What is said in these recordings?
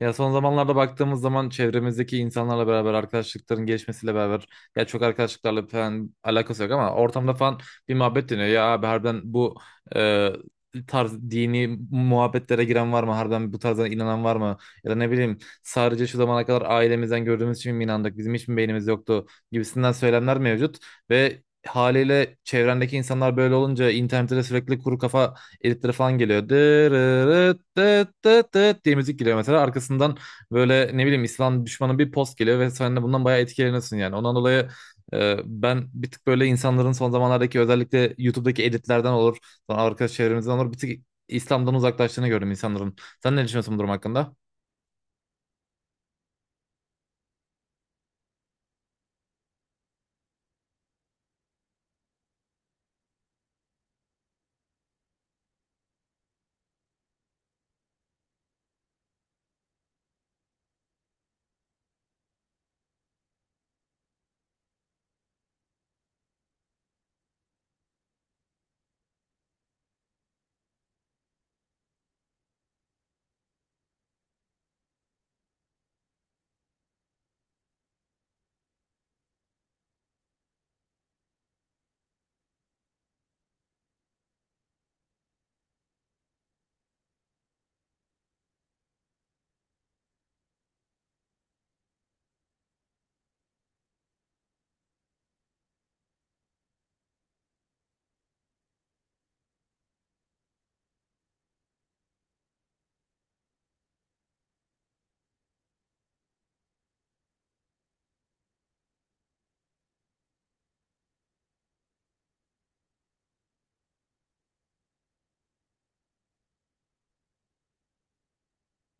Ya son zamanlarda baktığımız zaman çevremizdeki insanlarla beraber arkadaşlıkların gelişmesiyle beraber ya çok arkadaşlıklarla falan alakası yok ama ortamda falan bir muhabbet dönüyor. Ya abi harbiden bu e, tarz dini muhabbetlere giren var mı? Harbiden bu tarzdan inanan var mı? Ya da ne bileyim sadece şu zamana kadar ailemizden gördüğümüz için mi inandık? Bizim hiç mi beynimiz yoktu? Gibisinden söylemler mevcut ve haliyle çevrendeki insanlar böyle olunca internette de sürekli kuru kafa editleri falan geliyor. Dırırıt, dıt, dıt, dıt diye müzik geliyor mesela. Arkasından böyle ne bileyim İslam düşmanı bir post geliyor ve sen de bundan bayağı etkileniyorsun yani. Ondan dolayı ben bir tık böyle insanların son zamanlardaki özellikle YouTube'daki editlerden olur, sonra arkadaş çevremizden olur bir tık İslam'dan uzaklaştığını gördüm insanların. Sen ne düşünüyorsun bu durum hakkında?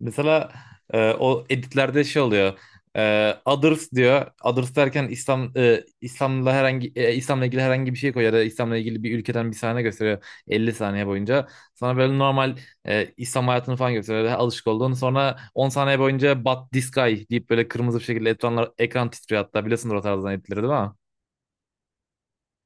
Mesela o editlerde şey oluyor. Others diyor. Others derken İslam İslam'la herhangi İslam'la ilgili herhangi bir şey koyuyor ya da İslam'la ilgili bir ülkeden bir sahne gösteriyor 50 saniye boyunca. Sana böyle normal İslam hayatını falan gösteriyor. Daha alışık olduğun. Sonra 10 saniye boyunca But this guy deyip böyle kırmızı bir şekilde ekranlar ekran titriyor hatta. Biliyorsundur o tarzdan editleri değil mi?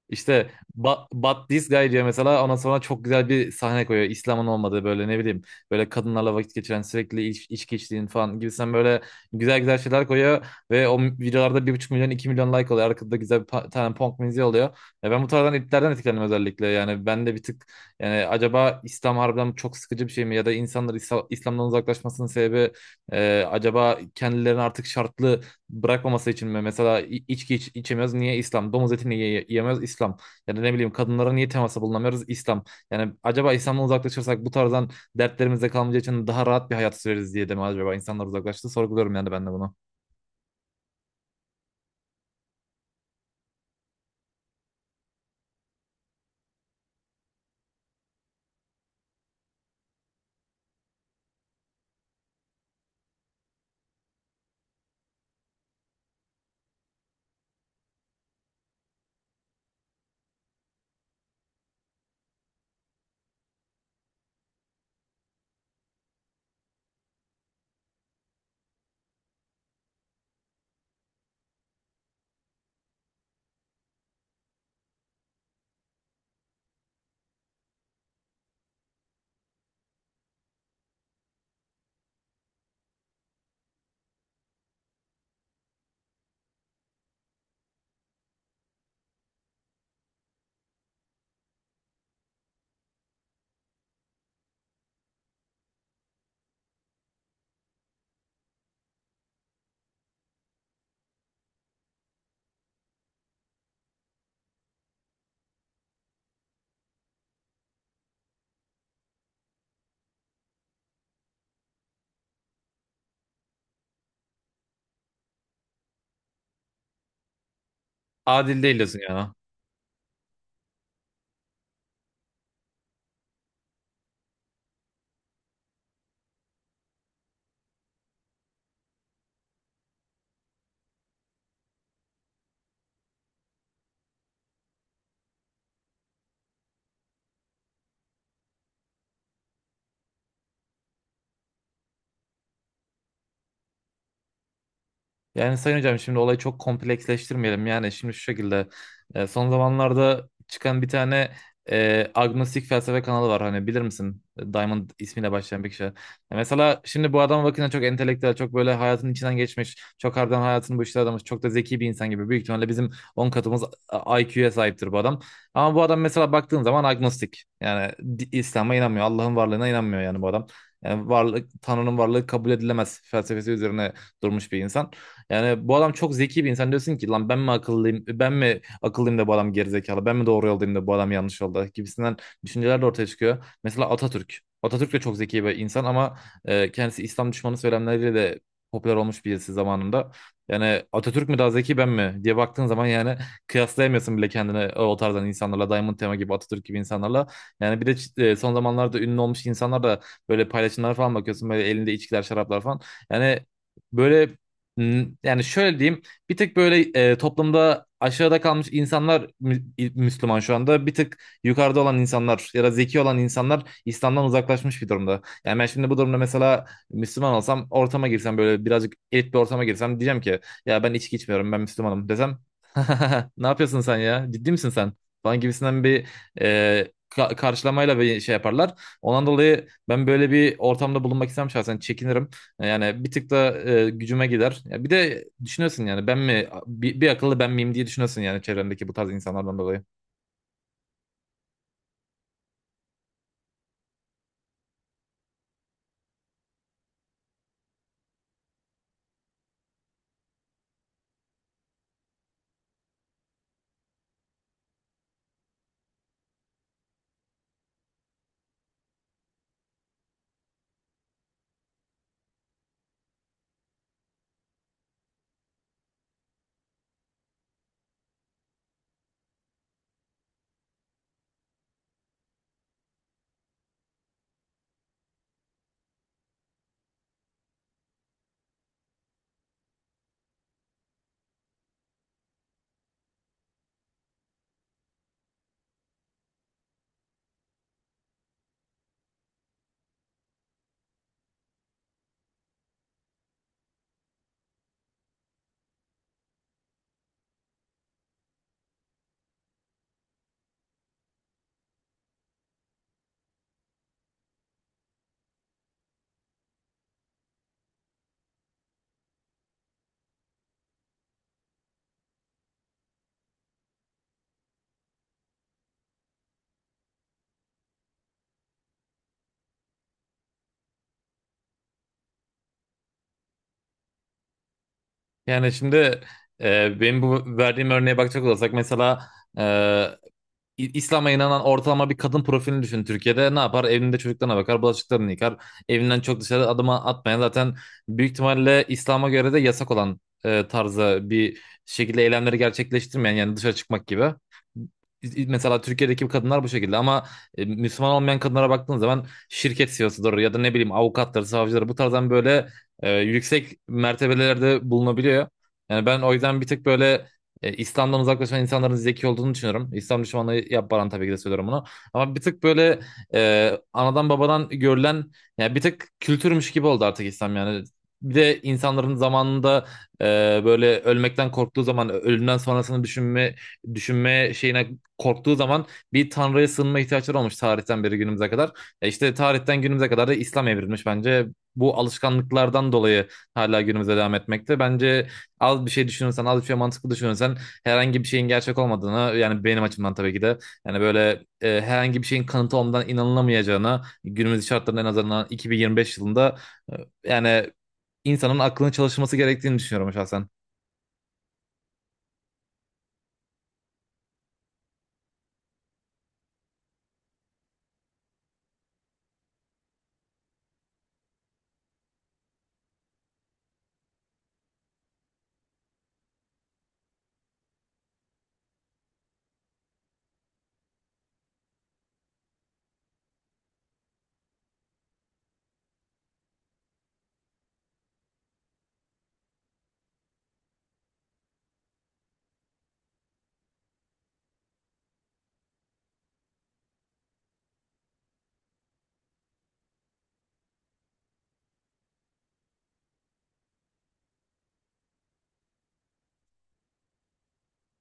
İşte But, But This Guy diyor mesela ondan sonra çok güzel bir sahne koyuyor. İslam'ın olmadığı böyle ne bileyim böyle kadınlarla vakit geçiren sürekli içki içtiğin falan gibisinden böyle güzel güzel şeyler koyuyor. Ve o videolarda 1,5 milyon 2 milyon like oluyor. Arkada güzel bir tane punk müziği oluyor. Ya ben bu tarzdan iplerden etkilendim özellikle. Yani ben de bir tık yani acaba İslam harbiden çok sıkıcı bir şey mi? Ya da insanlar İslam'dan uzaklaşmasının sebebi acaba kendilerini artık şartlı bırakmaması için mi? Mesela içki içemiyoruz niye İslam? Domuz etini niye yiyemiyoruz İslam? Ya da ne bileyim kadınlara niye temasa bulunamıyoruz İslam? Yani acaba İslam'dan uzaklaşırsak bu tarzdan dertlerimizde kalmayacağı için daha rahat bir hayat süreriz diye de mi acaba insanlar uzaklaştı? Sorguluyorum yani ben de bunu. Adil değil diyorsun yani. Yani Sayın Hocam şimdi olayı çok kompleksleştirmeyelim. Yani şimdi şu şekilde son zamanlarda çıkan bir tane agnostik felsefe kanalı var. Hani bilir misin? Diamond ismiyle başlayan bir kişi. Mesela şimdi bu adama bakınca çok entelektüel, çok böyle hayatın içinden geçmiş, çok harbiden hayatını bu işlere adamış, çok da zeki bir insan gibi. Büyük ihtimalle bizim 10 katımız IQ'ya sahiptir bu adam. Ama bu adam mesela baktığın zaman agnostik. Yani İslam'a inanmıyor, Allah'ın varlığına inanmıyor yani bu adam. Yani varlık, Tanrı'nın varlığı kabul edilemez felsefesi üzerine durmuş bir insan. Yani bu adam çok zeki bir insan. Diyorsun ki lan ben mi akıllıyım? Ben mi akıllıyım da bu adam gerizekalı? Ben mi doğru yoldayım da bu adam yanlış yolda? Gibisinden düşünceler de ortaya çıkıyor. Mesela Atatürk. Atatürk de çok zeki bir insan ama kendisi İslam düşmanı söylemleriyle de popüler olmuş birisi zamanında. Yani Atatürk mü daha zeki ben mi diye baktığın zaman yani kıyaslayamıyorsun bile kendini o tarzdan insanlarla. Diamond Tema gibi Atatürk gibi insanlarla. Yani bir de son zamanlarda ünlü olmuş insanlar da böyle paylaşımlara falan bakıyorsun. Böyle elinde içkiler, şaraplar falan. Yani böyle. Yani şöyle diyeyim, bir tık böyle toplumda aşağıda kalmış insanlar Müslüman şu anda. Bir tık yukarıda olan insanlar ya da zeki olan insanlar İslam'dan uzaklaşmış bir durumda. Yani ben şimdi bu durumda mesela Müslüman olsam, ortama girsem böyle birazcık elit bir ortama girsem diyeceğim ki ya ben içki içmiyorum, ben Müslümanım desem ne yapıyorsun sen ya? Ciddi misin sen? Falan gibisinden bir karşılamayla bir şey yaparlar. Ondan dolayı ben böyle bir ortamda bulunmak istemem şahsen çekinirim. Yani bir tık da gücüme gider. Ya bir de düşünüyorsun yani ben mi bir akıllı ben miyim diye düşünüyorsun yani çevrendeki bu tarz insanlardan dolayı. Yani şimdi benim bu verdiğim örneğe bakacak olursak mesela e, İslam'a inanan ortalama bir kadın profilini düşün Türkiye'de. Ne yapar? Evinde çocuklarına bakar, bulaşıklarını yıkar. Evinden çok dışarı adım atmayan zaten büyük ihtimalle İslam'a göre de yasak olan tarzda bir şekilde eylemleri gerçekleştirmeyen yani dışarı çıkmak gibi. Mesela Türkiye'deki kadınlar bu şekilde ama Müslüman olmayan kadınlara baktığın zaman şirket CEO'sudur ya da ne bileyim avukatları, savcıları bu tarzdan böyle yüksek mertebelerde bulunabiliyor. Yani ben o yüzden bir tık böyle İslam'dan uzaklaşan insanların zeki olduğunu düşünüyorum. İslam düşmanlığı yapmadan tabii ki de söylüyorum bunu. Ama bir tık böyle anadan babadan görülen yani bir tık kültürmüş gibi oldu artık İslam yani. Bir de insanların zamanında e, böyle ölmekten korktuğu zaman ölümden sonrasını düşünme şeyine korktuğu zaman bir tanrıya sığınma ihtiyaçları olmuş tarihten beri günümüze kadar. İşte tarihten günümüze kadar da İslam evrilmiş bence. Bu alışkanlıklardan dolayı hala günümüze devam etmekte. Bence az bir şey düşünürsen, az bir şey mantıklı düşünürsen herhangi bir şeyin gerçek olmadığını yani benim açımdan tabii ki de yani böyle herhangi bir şeyin kanıtı olmadan inanılamayacağına günümüz şartlarında en azından 2025 yılında yani insanın aklının çalışması gerektiğini düşünüyorum şahsen.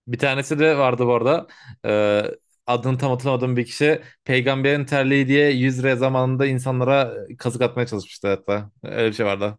Bir tanesi de vardı bu arada. E, Adını tam hatırlamadığım bir kişi peygamberin terliği diye 100 liraya zamanında insanlara kazık atmaya çalışmıştı hatta. Öyle bir şey vardı.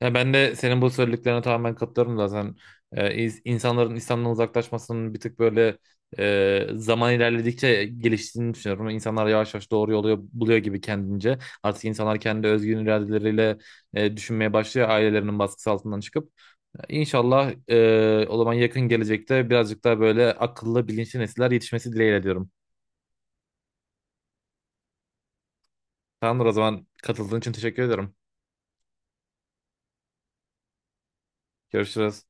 Ya ben de senin bu söylediklerine tamamen katılıyorum zaten. İnsanların İslam'dan uzaklaşmasının bir tık böyle zaman ilerledikçe geliştiğini düşünüyorum. İnsanlar yavaş yavaş doğru yolu buluyor gibi kendince. Artık insanlar kendi özgün iradeleriyle düşünmeye başlıyor ailelerinin baskısı altından çıkıp. İnşallah o zaman yakın gelecekte birazcık daha böyle akıllı bilinçli nesiller yetişmesi dileğiyle diyorum. Tamamdır o zaman katıldığın için teşekkür ederim. Görüşürüz.